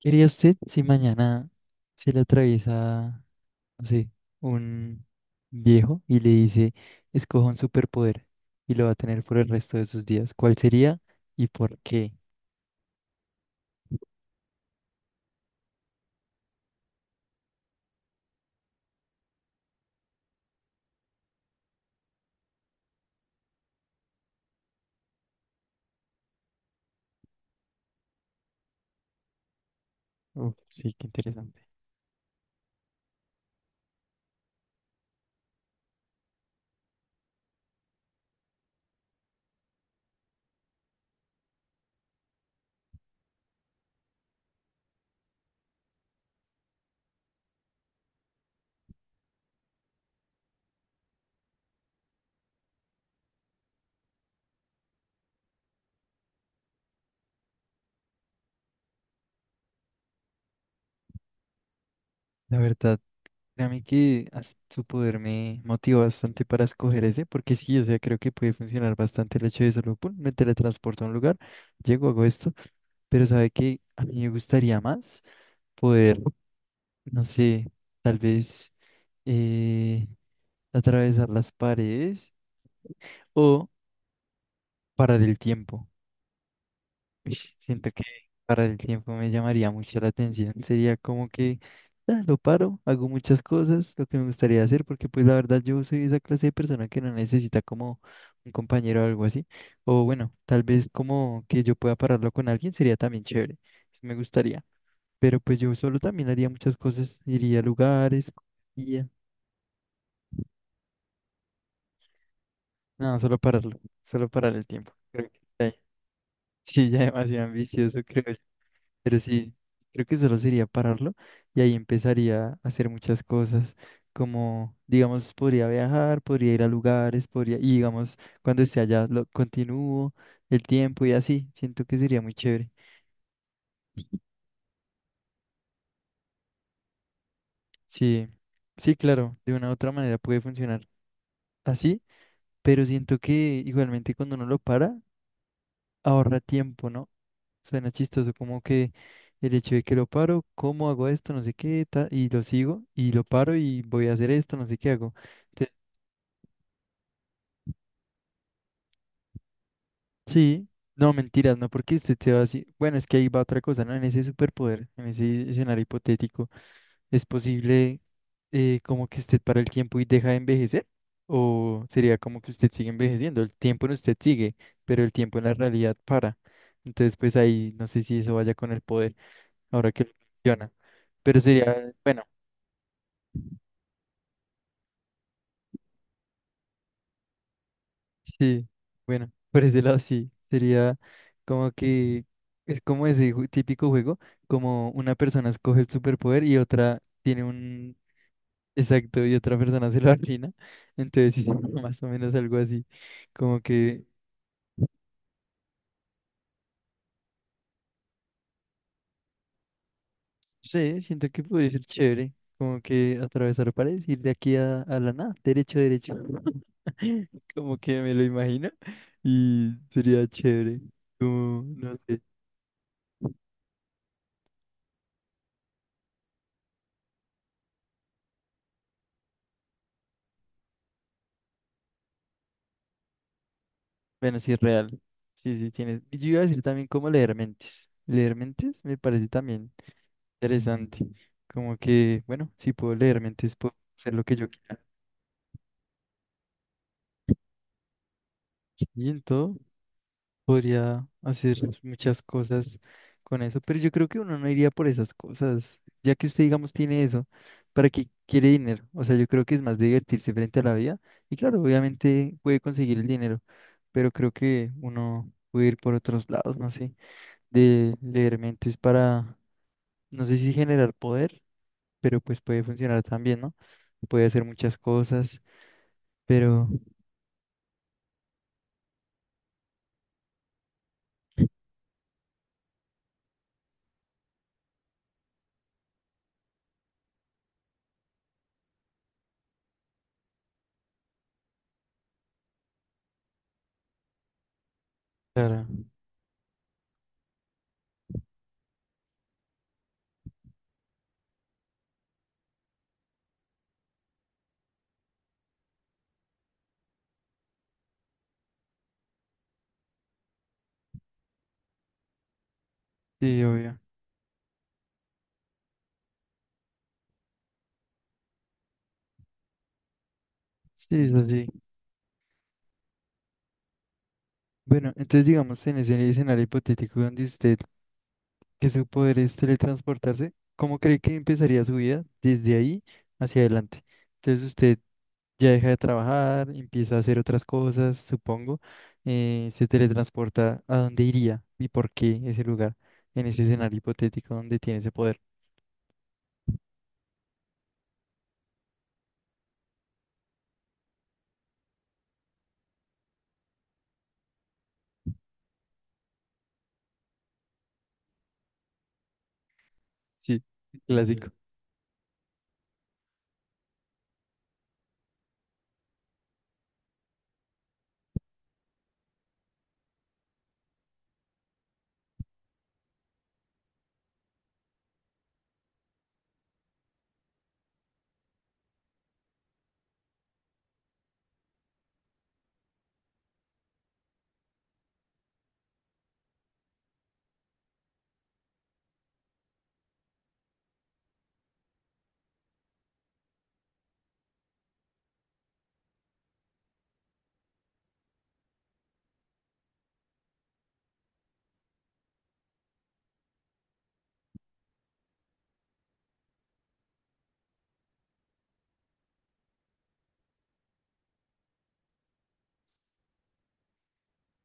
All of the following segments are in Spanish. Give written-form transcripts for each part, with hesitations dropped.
¿Qué haría usted si mañana se le atraviesa, no sé, un viejo y le dice, escoja un superpoder y lo va a tener por el resto de sus días? ¿Cuál sería y por qué? Uf, sí, qué interesante. La verdad, créame que su poder me motivó bastante para escoger ese, porque sí, o sea, creo que puede funcionar bastante el hecho de solo, pum, me teletransporto a un lugar, llego, hago esto, pero sabe que a mí me gustaría más poder, no sé, tal vez, eh, atravesar las paredes o parar el tiempo. Uy, siento que parar el tiempo me llamaría mucho la atención. Sería como que ah, lo paro, hago muchas cosas, lo que me gustaría hacer, porque pues la verdad yo soy esa clase de persona que no necesita como un compañero o algo así. O bueno, tal vez como que yo pueda pararlo con alguien sería también chévere. Sí, me gustaría. Pero pues yo solo también haría muchas cosas, iría a lugares, iría. No, solo pararlo, solo parar el tiempo. Creo que está ahí. Sí, ya demasiado ambicioso, creo yo. Pero sí, creo que solo sería pararlo y ahí empezaría a hacer muchas cosas, como, digamos, podría viajar, podría ir a lugares, podría, y digamos, cuando esté allá, lo continúo el tiempo y así. Siento que sería muy chévere. Sí, sí, claro, de una u otra manera puede funcionar así, pero siento que igualmente cuando uno lo para, ahorra tiempo, ¿no? Suena chistoso, como que el hecho de que lo paro, ¿cómo hago esto? No sé qué, y lo sigo, y lo paro y voy a hacer esto, no sé qué hago. Te- sí, no, mentiras, no, porque usted se va así. Bueno, es que ahí va otra cosa, ¿no? En ese superpoder, en ese escenario hipotético, ¿es posible, como que usted para el tiempo y deja de envejecer? ¿O sería como que usted sigue envejeciendo? El tiempo en usted sigue, pero el tiempo en la realidad para. Entonces, pues ahí no sé si eso vaya con el poder, ahora que lo menciona. Pero sería, bueno. Sí, bueno, por ese lado sí, sería como que es como ese típico juego, como una persona escoge el superpoder y otra tiene un exacto y otra persona se lo arruina, entonces sí, más o menos algo así, como que, sí, siento que podría ser chévere, como que atravesar paredes, ir de aquí a la nada, derecho, derecho, como que me lo imagino y sería chévere, como, no sé. Bueno, sí, real. Sí, sí, tienes. Y yo iba a decir también cómo leer mentes. Leer mentes me parece también interesante. Como que, bueno, si puedo leer mentes, puedo hacer lo que yo quiera. Y en todo, podría hacer muchas cosas con eso, pero yo creo que uno no iría por esas cosas, ya que usted, digamos, tiene eso, ¿para qué quiere dinero? O sea, yo creo que es más divertirse frente a la vida. Y claro, obviamente puede conseguir el dinero, pero creo que uno puede ir por otros lados, no sé, de leer mentes para, no sé si generar poder, pero pues puede funcionar también, ¿no? Puede hacer muchas cosas, pero claro, sí, obvio. Sí, es así. Bueno, entonces digamos en ese escenario hipotético donde usted, que su poder es teletransportarse, ¿cómo cree que empezaría su vida desde ahí hacia adelante? Entonces usted ya deja de trabajar, empieza a hacer otras cosas, supongo, se teletransporta a dónde iría y por qué ese lugar, en ese escenario hipotético donde tiene ese poder. Sí, clásico.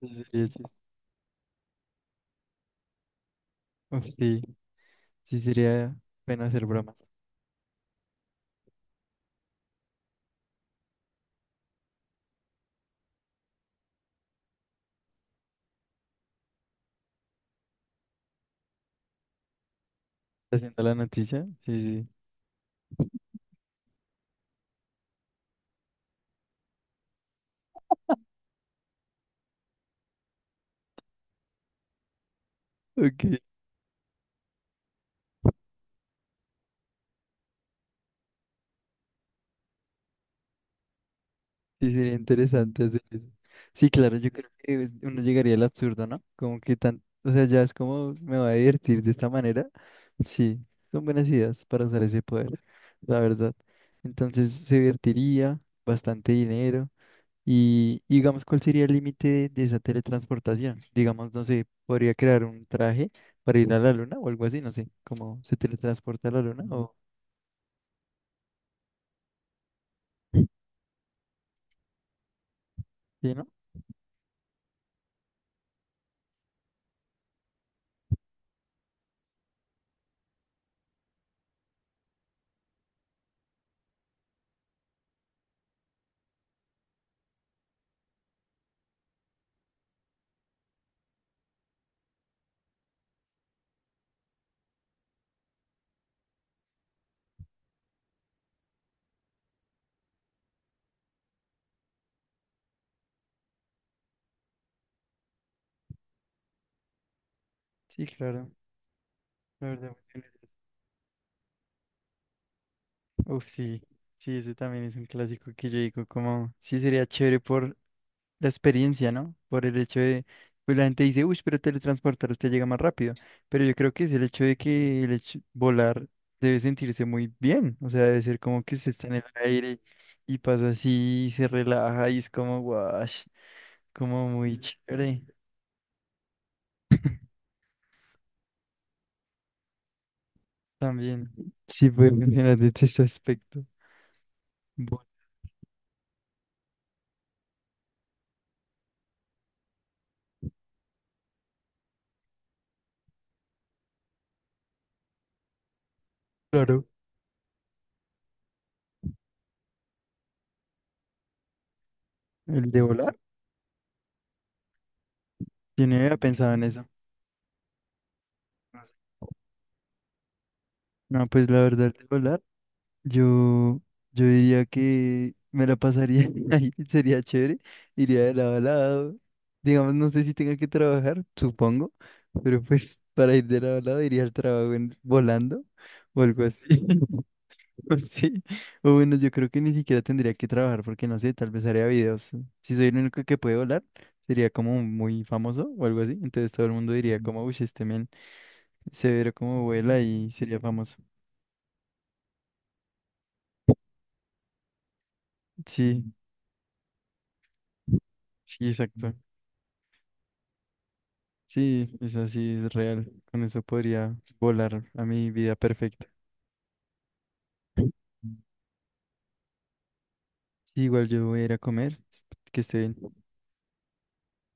Ese sería Uf, sí, sí sería bueno hacer bromas. Haciendo la noticia, sí, sí. Ok. Sí, sería interesante hacer eso. Sí, claro, yo creo que uno llegaría al absurdo, ¿no? Como que tan, o sea, ya es como me voy a divertir de esta manera. Sí, son buenas ideas para usar ese poder, la verdad. Entonces se divertiría, bastante dinero. Y digamos, ¿cuál sería el límite de esa teletransportación? Digamos, no sé, podría crear un traje para ir a la luna o algo así, no sé, como se teletransporta a la luna o... Sí, ¿no? Sí, claro, la verdad. Uf, sí, sí, ese también es un clásico que yo digo como, sí sería chévere por la experiencia, ¿no? Por el hecho de, pues la gente dice, uy, pero teletransportar usted llega más rápido, pero yo creo que es el hecho de que volar debe sentirse muy bien, o sea, debe ser como que se está en el aire y pasa así, y se relaja y es como, guash, como muy chévere también. Sí puede funcionar desde ese aspecto. Bueno, claro, el de volar, yo no había pensado en eso. No, pues la verdad, el de volar. Yo, yo diría que me la pasaría ahí, sería chévere, iría de lado a lado. Digamos, no sé si tenga que trabajar, supongo, pero pues para ir de lado a lado iría al trabajo volando o algo así. O sí, o bueno, yo creo que ni siquiera tendría que trabajar porque no sé, tal vez haría videos. Si soy el único que puede volar, sería como muy famoso o algo así. Entonces todo el mundo diría como, uy, este men severo como vuela y sería famoso. Sí, sí, exacto. Sí, es así, es real. Con eso podría volar a mi vida perfecta. Sí, igual yo voy a ir a comer, que esté bien.